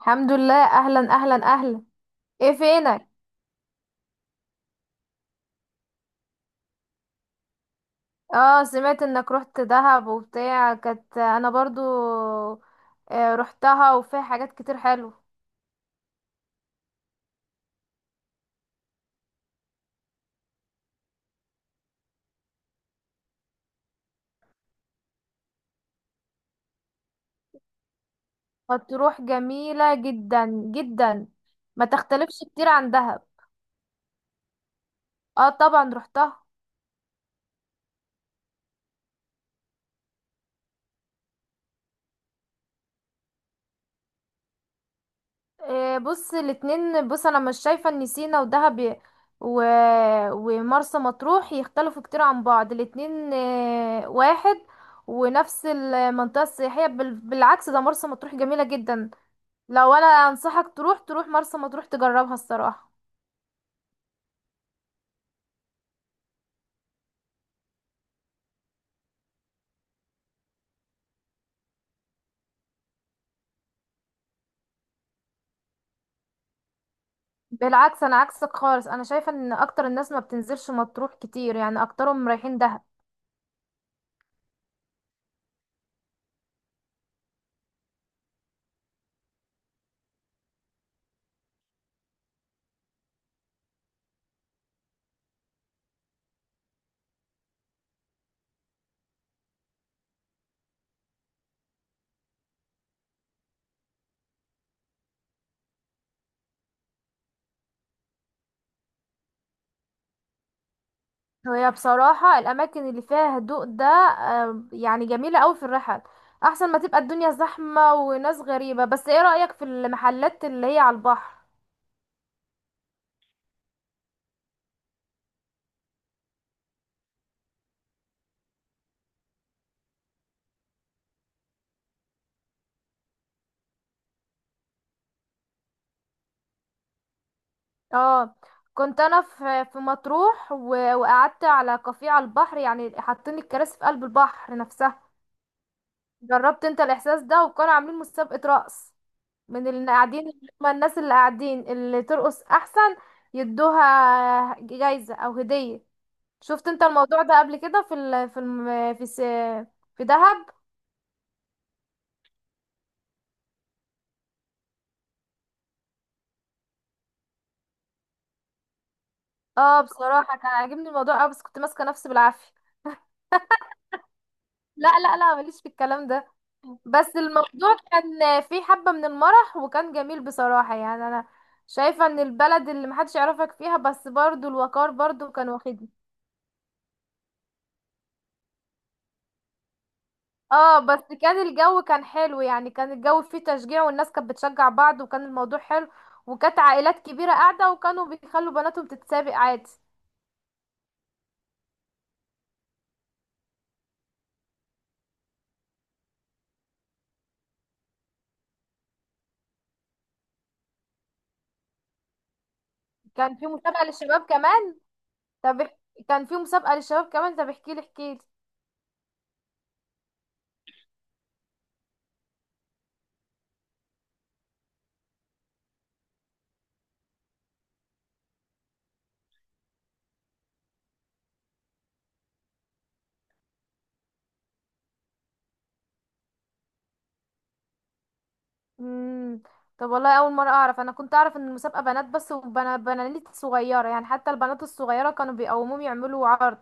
الحمد لله، اهلا اهلا اهلا. ايه فينك؟ اه سمعت انك رحت دهب وبتاع، كانت انا برضو. رحتها وفيها حاجات كتير حلوه. مطروح جميله جدا جدا. ما تختلفش كتير عن دهب. اه طبعا رحتها. بص الاتنين، بص انا مش شايفه ان سينا ودهب ي- و... ومرسى مطروح يختلفوا كتير عن بعض. الاتنين واحد ونفس المنطقة السياحية بالعكس، ده مرسى مطروح جميلة جدا. لو انا انصحك تروح، تروح مرسى مطروح تجربها الصراحه. بالعكس، انا عكسك خالص، انا شايفه ان اكتر الناس ما بتنزلش مطروح كتير، يعني اكترهم رايحين دهب. وهي بصراحه الاماكن اللي فيها هدوء ده يعني جميله قوي في الرحل. احسن ما تبقى الدنيا زحمه وناس غريبه. بس ايه رايك في المحلات اللي هي على البحر؟ اه كنت انا في مطروح و وقعدت على كافيه على البحر، يعني حاطين الكراسي في قلب البحر نفسها. جربت انت الاحساس ده؟ وكانوا عاملين مسابقه رقص من اللي قاعدين، هما الناس اللي قاعدين اللي ترقص احسن يدوها جايزة او هدية. شفت انت الموضوع ده قبل كده في ال... في الم... في س... في دهب؟ اه بصراحة كان عاجبني الموضوع اوي، بس كنت ماسكة نفسي بالعافية. لا، ماليش في الكلام ده. بس الموضوع كان فيه حبة من المرح وكان جميل بصراحة. يعني انا شايفة ان البلد اللي محدش يعرفك فيها، بس برضو الوقار برضو كان واخدني. اه بس كان الجو كان حلو، يعني كان الجو فيه تشجيع والناس كانت بتشجع بعض وكان الموضوع حلو. وكانت عائلات كبيرة قاعدة وكانوا بيخلوا بناتهم تتسابق عادي. كان في مسابقة للشباب كمان؟ طب اح- كان في مسابقة للشباب كمان، طب احكيلي احكيلي. امم، طب والله اول مرة اعرف، انا كنت اعرف ان المسابقة بنات بس، وبنات بنات صغيرة يعني، حتى البنات الصغيرة كانوا بيقوموهم يعملوا عرض.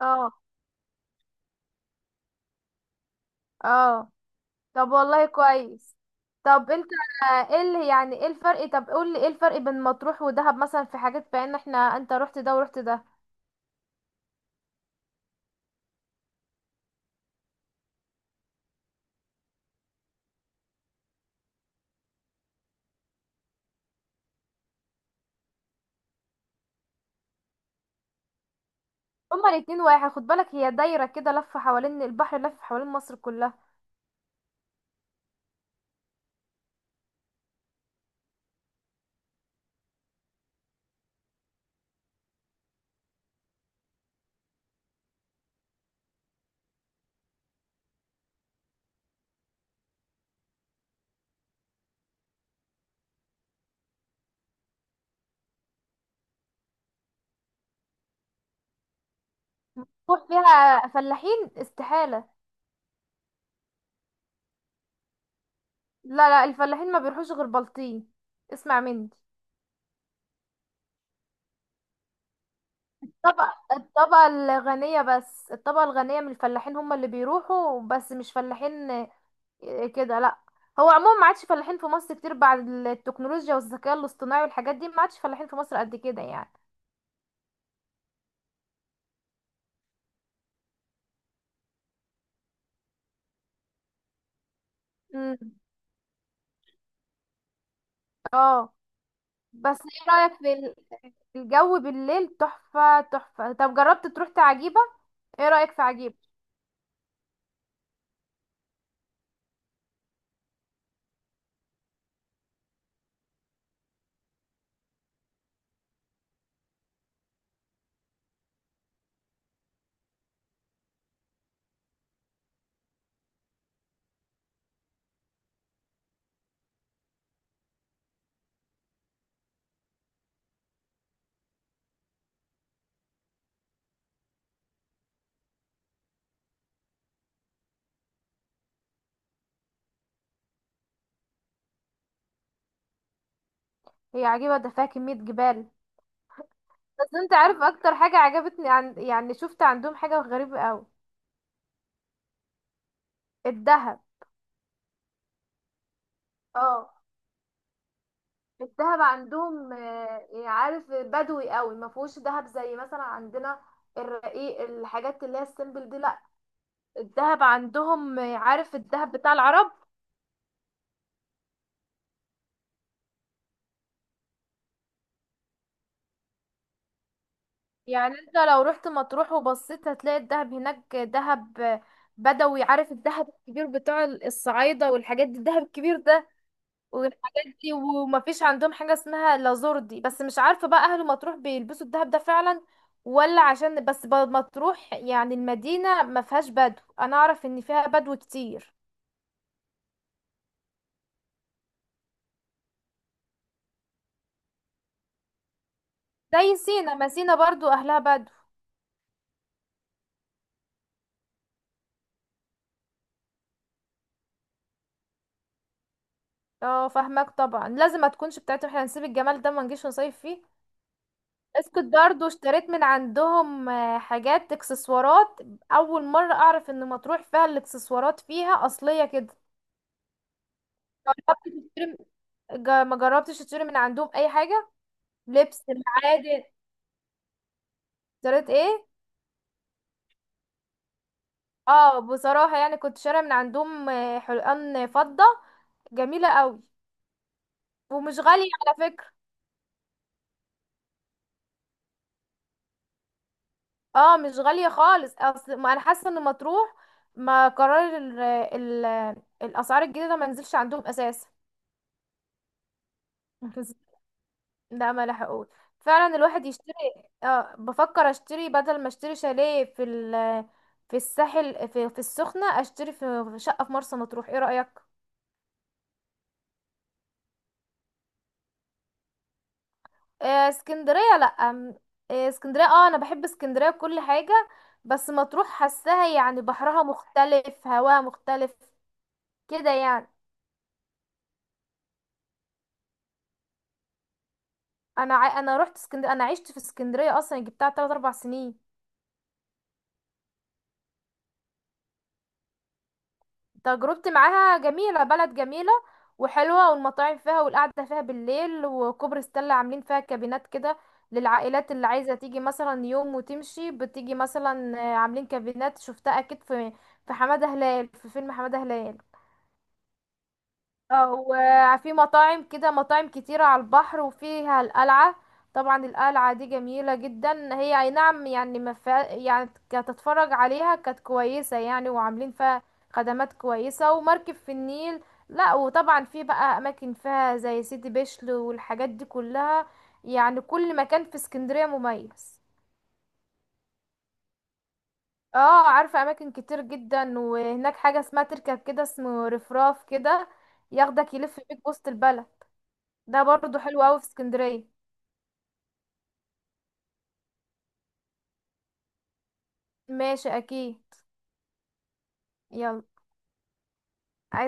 اه اه، طب والله كويس. طب انت ايه اللي، يعني ايه الفرق، طب قول لي ايه الفرق بين مطروح ودهب مثلا، في حاجات بان احنا انت رحت ده ورحت ده؟ هما الاتنين واحد، خد بالك هي دايرة كده لفة حوالين البحر، لف حوالين مصر كلها. مطروح فيها فلاحين؟ استحالة. لا لا، الفلاحين ما بيروحوش غير بلطيم، اسمع مني. الطبقة الغنية بس، الطبقة الغنية من الفلاحين هم اللي بيروحوا، بس مش فلاحين كده لا. هو عموما ما عادش فلاحين في مصر كتير بعد التكنولوجيا والذكاء الاصطناعي والحاجات دي، ما عادش فلاحين في مصر قد كده يعني. مم. اه، بس ايه رأيك في الجو بالليل؟ تحفة تحفة. طب جربت تروح عجيبة؟ ايه رأيك في عجيبة؟ هي عجيبة ده فيها كمية جبال. بس انت عارف اكتر حاجة عجبتني عن، يعني شفت عندهم حاجة غريبة قوي؟ الدهب. اه، الدهب عندهم يعني عارف، بدوي قوي، ما فيهوش دهب زي مثلا عندنا الرقيق، الحاجات اللي هي السيمبل دي لا. الدهب عندهم عارف الدهب بتاع العرب. يعني انت لو رحت مطروح وبصيت هتلاقي الدهب هناك دهب بدوي، عارف الدهب الكبير بتاع الصعايدة والحاجات دي، الدهب الكبير ده والحاجات دي. ومفيش عندهم حاجة اسمها لازوردي. بس مش عارفة بقى أهل مطروح بيلبسوا الدهب ده فعلا ولا عشان بس مطروح يعني، المدينة ما فيهاش بدو. أنا أعرف إن فيها بدو كتير زي سينا، ما سينا برضو أهلها بدو. اه فاهمك طبعا، لازم ما تكونش بتاعتهم، احنا هنسيب الجمال ده ما نجيش نصيف فيه. اسكت، برضو اشتريت من عندهم حاجات اكسسوارات. اول مرة اعرف ان مطروح فيها الاكسسوارات فيها اصلية كده. تشتري- ما جربتش تشتري من عندهم اي حاجة؟ لبس المعادن، اشتريت ايه؟ اه بصراحة يعني كنت شارية من عندهم حلقان فضة جميلة قوي. ومش غالية على فكرة. اه مش غالية خالص، اصل ما انا حاسة ان مطروح ما قرار ال الاسعار الجديدة ما نزلش عندهم اساسا. بس- لا ما لحقوش، فعلا الواحد يشتري. اه بفكر اشتري بدل ما اشتري شاليه في ال في الساحل في السخنة، اشتري في شقة في مرسى مطروح، ايه رأيك؟ آه، اسكندريه لا آم، آه، اسكندريه، اه انا بحب اسكندريه بكل حاجه. بس مطروح حاساها يعني بحرها مختلف، هواها مختلف كده يعني. انا رحت اسكندريه، انا عشت في اسكندريه اصلا يعني، جبتها 3 4 سنين. تجربتي معاها جميله، بلد جميله وحلوه، والمطاعم فيها والقعده فيها بالليل. وكوبري ستانلي عاملين فيها كابينات كده للعائلات اللي عايزه تيجي مثلا يوم وتمشي، بتيجي مثلا عاملين كابينات، شفتها اكيد في حماده هلال، في فيلم حماده هلال. او في مطاعم كده، مطاعم كتيرة على البحر، وفيها القلعة. طبعا القلعة دي جميلة جدا، هي اي نعم يعني ما فيها يعني، كتتفرج عليها كانت كويسة يعني، وعاملين فيها خدمات كويسة. ومركب في النيل. لا وطبعا في بقى اماكن فيها زي سيدي بشر والحاجات دي كلها، يعني كل مكان في اسكندرية مميز. اه عارفة اماكن كتير جدا. وهناك حاجة اسمها تركب كده، اسمه رفراف كده، ياخدك يلف بيك وسط البلد. ده برضو حلو قوي في اسكندرية. ماشي اكيد. يلا.